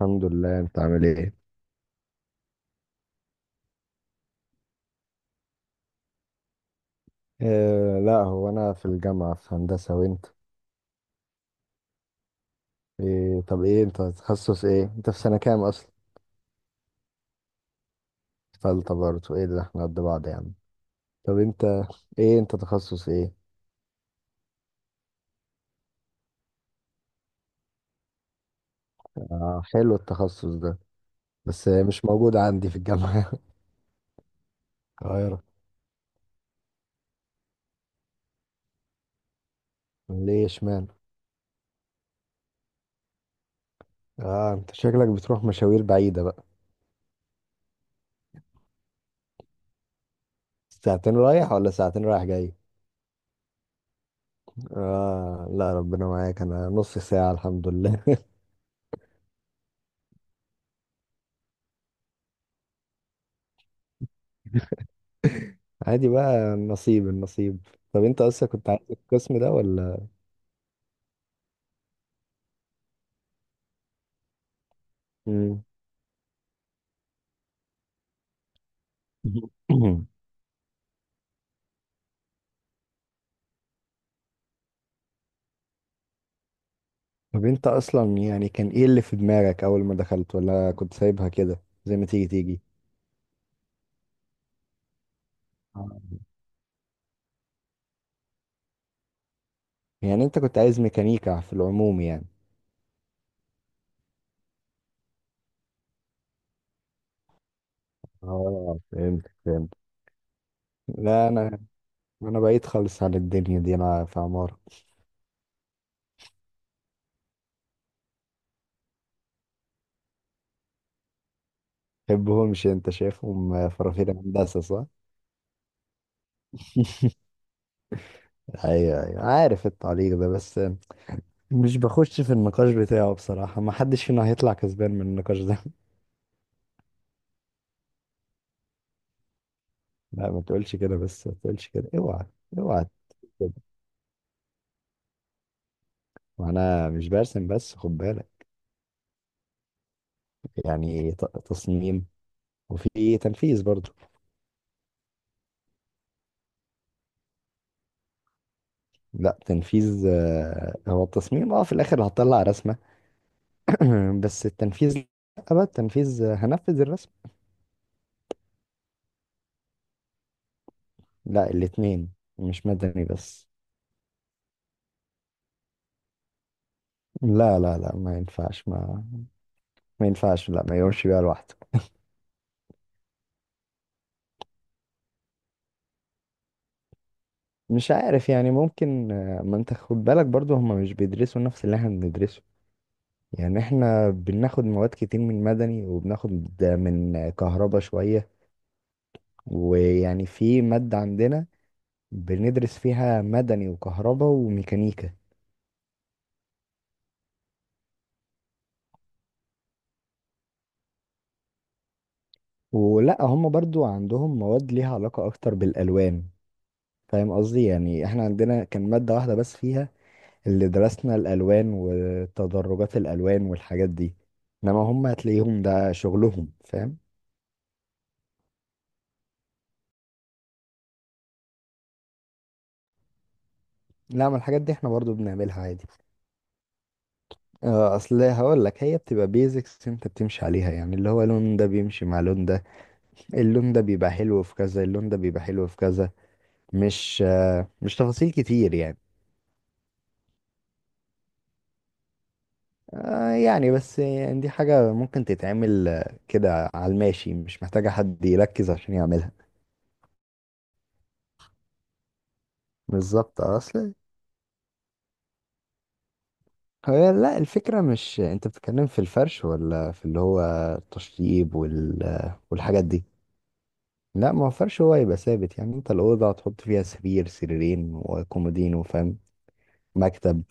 الحمد لله، انت عامل ايه؟ آه، لا هو انا في الجامعة، في هندسة. وانت؟ إيه؟ طب ايه، انت تخصص ايه؟ انت في سنة كام اصلا؟ فلت برضه! ايه ده، احنا قد بعض يا عم. طب انت، ايه انت تخصص ايه؟ آه، حلو التخصص ده. بس مش موجود عندي في الجامعة. القاهرة. ليه؟ اشمعنى؟ اه، انت شكلك بتروح مشاوير بعيدة بقى. ساعتين رايح ولا ساعتين رايح جاي؟ اه، لا ربنا معاك. انا نص ساعة الحمد لله. عادي بقى، نصيب النصيب. طب انت اصلا كنت عايز القسم ده ولا؟ مم. طب انت اصلا يعني كان ايه اللي في دماغك اول ما دخلت؟ ولا كنت سايبها كده زي ما تيجي تيجي؟ اه. يعني انت كنت عايز ميكانيكا في العموم يعني. آه، فهمت فهمت. لا انا بعيد خالص عن الدنيا دي، انا في عمارة. تحبهمش؟ انت شايفهم فرافير هندسة صح؟ ايوه، ايوه عارف التعليق ده. بس مش بخش في النقاش بتاعه بصراحة، ما حدش فينا هيطلع كسبان من النقاش ده. لا ما تقولش كده، بس ما تقولش كده، اوعى. اوعى تقول كده. وانا مش برسم، بس خد بالك. يعني تصميم، وفي تنفيذ برضو. لا، تنفيذ. هو التصميم اه في الاخر هطلع رسمة. بس التنفيذ لا. بقى التنفيذ، هنفذ الرسم. لا، الاتنين. مش مدني بس. لا، لا، لا، ما ينفعش، ما ينفعش، لا ما يقومش بيها لوحده. مش عارف، يعني ممكن. ما انت خد بالك برضو، هما مش بيدرسوا نفس اللي احنا بندرسه. يعني احنا بناخد مواد كتير من مدني، وبناخد من كهربا شوية. ويعني في مادة عندنا بندرس فيها مدني وكهربا وميكانيكا. ولا هم برضو عندهم مواد ليها علاقة أكتر بالألوان. فاهم قصدي؟ يعني احنا عندنا كان مادة واحدة بس فيها اللي درسنا الألوان وتدرجات الألوان والحاجات دي. انما هم هتلاقيهم ده شغلهم، فاهم؟ لا، ما الحاجات دي احنا برضو بنعملها عادي. اه اصل هقول لك، هي بتبقى بيزكس انت بتمشي عليها، يعني اللي هو لون ده بيمشي مع لون ده. اللون ده بيبقى حلو في كذا، اللون ده بيبقى حلو في كذا. مش تفاصيل كتير يعني. يعني بس يعني دي حاجة ممكن تتعمل كده على الماشي، مش محتاجة حد يركز عشان يعملها. بالظبط اصل هي، لا الفكرة مش انت بتتكلم في الفرش ولا في اللي هو التشطيب والحاجات دي. لا، ما فرش هو يبقى ثابت. يعني انت الأوضة هتحط فيها سرير سريرين وكومودين، وفاهم؟ مكتب.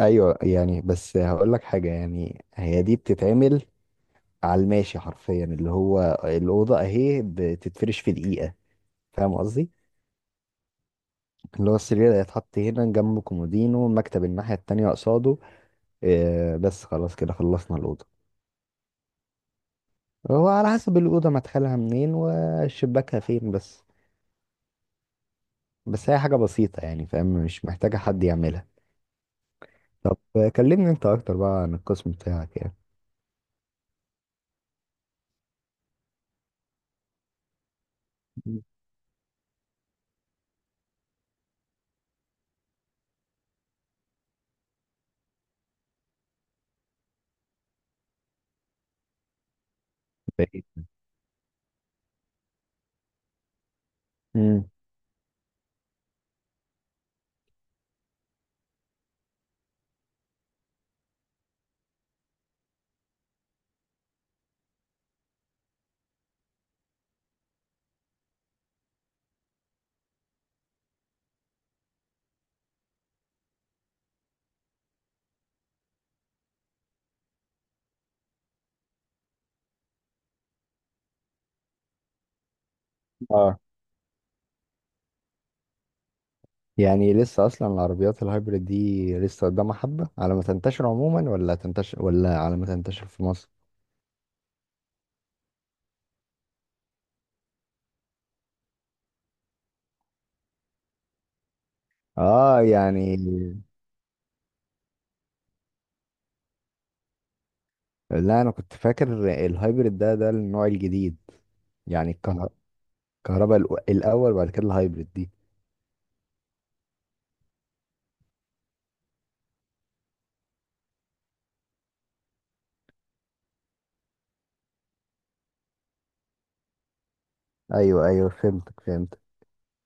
ايوه يعني، بس هقول لك حاجة، يعني هي دي بتتعمل على الماشي حرفيا. اللي هو الأوضة اهي بتتفرش في دقيقة، فاهم قصدي؟ اللي هو السرير هيتحط هنا، جنبه كومودينو، المكتب الناحية التانية قصاده. بس خلاص كده خلصنا الأوضة. هو على حسب الأوضة مدخلها منين وشباكها فين بس. بس هي حاجة بسيطة يعني، فاهم، مش محتاجة حد يعملها. طب كلمني انت اكتر بقى عن القسم بتاعك يعني. مم. بقيت امم اه يعني لسه اصلا العربيات الهايبريد دي لسه قدامها حبة على ما تنتشر عموما، ولا تنتشر ولا على ما تنتشر في مصر؟ اه يعني، لا انا كنت فاكر الهايبريد ده النوع الجديد. يعني الكهرباء الاول، وبعد كده الهايبريد دي. ايوه، ايوه فهمتك فهمتك.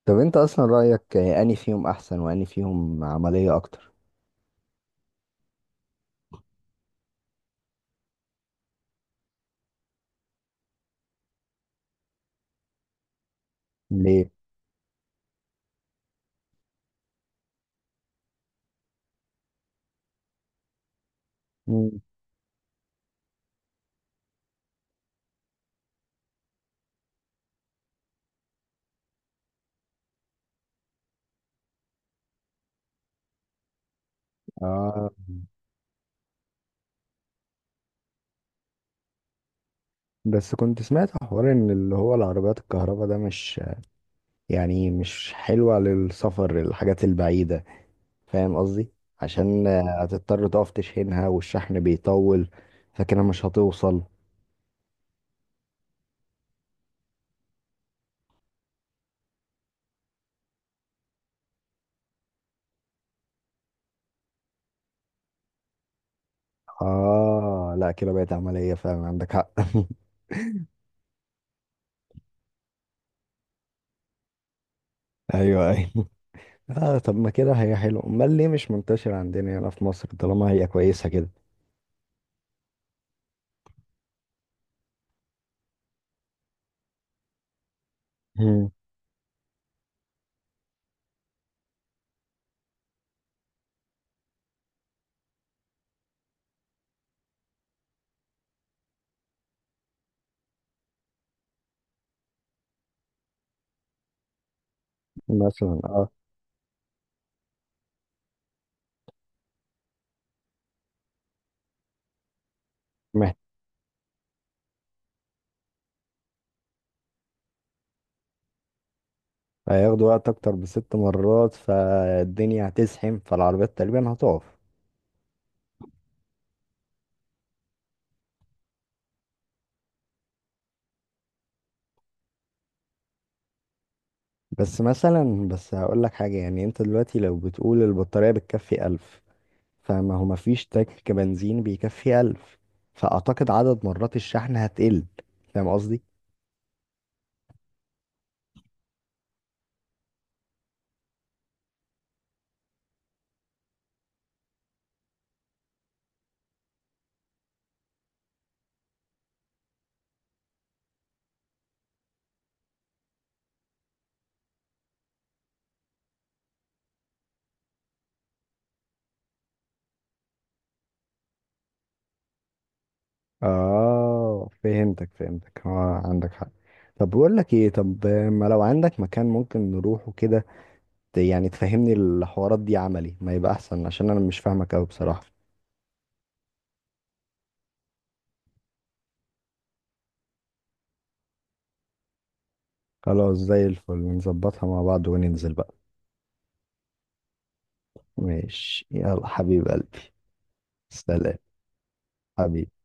طب انت اصلا رأيك اني فيهم احسن واني فيهم عملية اكتر؟ ليه؟ مم. اه بس كنت سمعت حوار ان اللي هو العربيات الكهرباء ده مش حلوة للسفر، الحاجات البعيدة. فاهم قصدي؟ عشان هتضطر تقف تشحنها، والشحن بيطول. فكده مش هتوصل. اه لا كده بقت عملية فعلا، عندك حق. ايوه، ايوه. اه طب ما كده هي حلوة، امال ليه مش منتشرة عندنا هنا في مصر طالما هي كويسة كده؟ مم. مثلا اه. مه- هياخدوا وقت اكتر ب6 مرات، فالدنيا هتزحم، فالعربيات تقريبا هتقف. بس مثلا، بس هقول لك حاجة، يعني انت دلوقتي لو بتقول البطارية بتكفي 1000. فما هو مفيش تانك بنزين بيكفي 1000، فأعتقد عدد مرات الشحن هتقل. فاهم قصدي؟ اه فهمتك فهمتك، اه عندك حق. طب بقول لك ايه، طب ما لو عندك مكان ممكن نروحه كده يعني تفهمني الحوارات دي عملي، ما يبقى احسن عشان انا مش فاهمك قوي بصراحة. خلاص زي الفل، نظبطها مع بعض وننزل بقى. ماشي، يلا حبيب قلبي. سلام. حبيبي.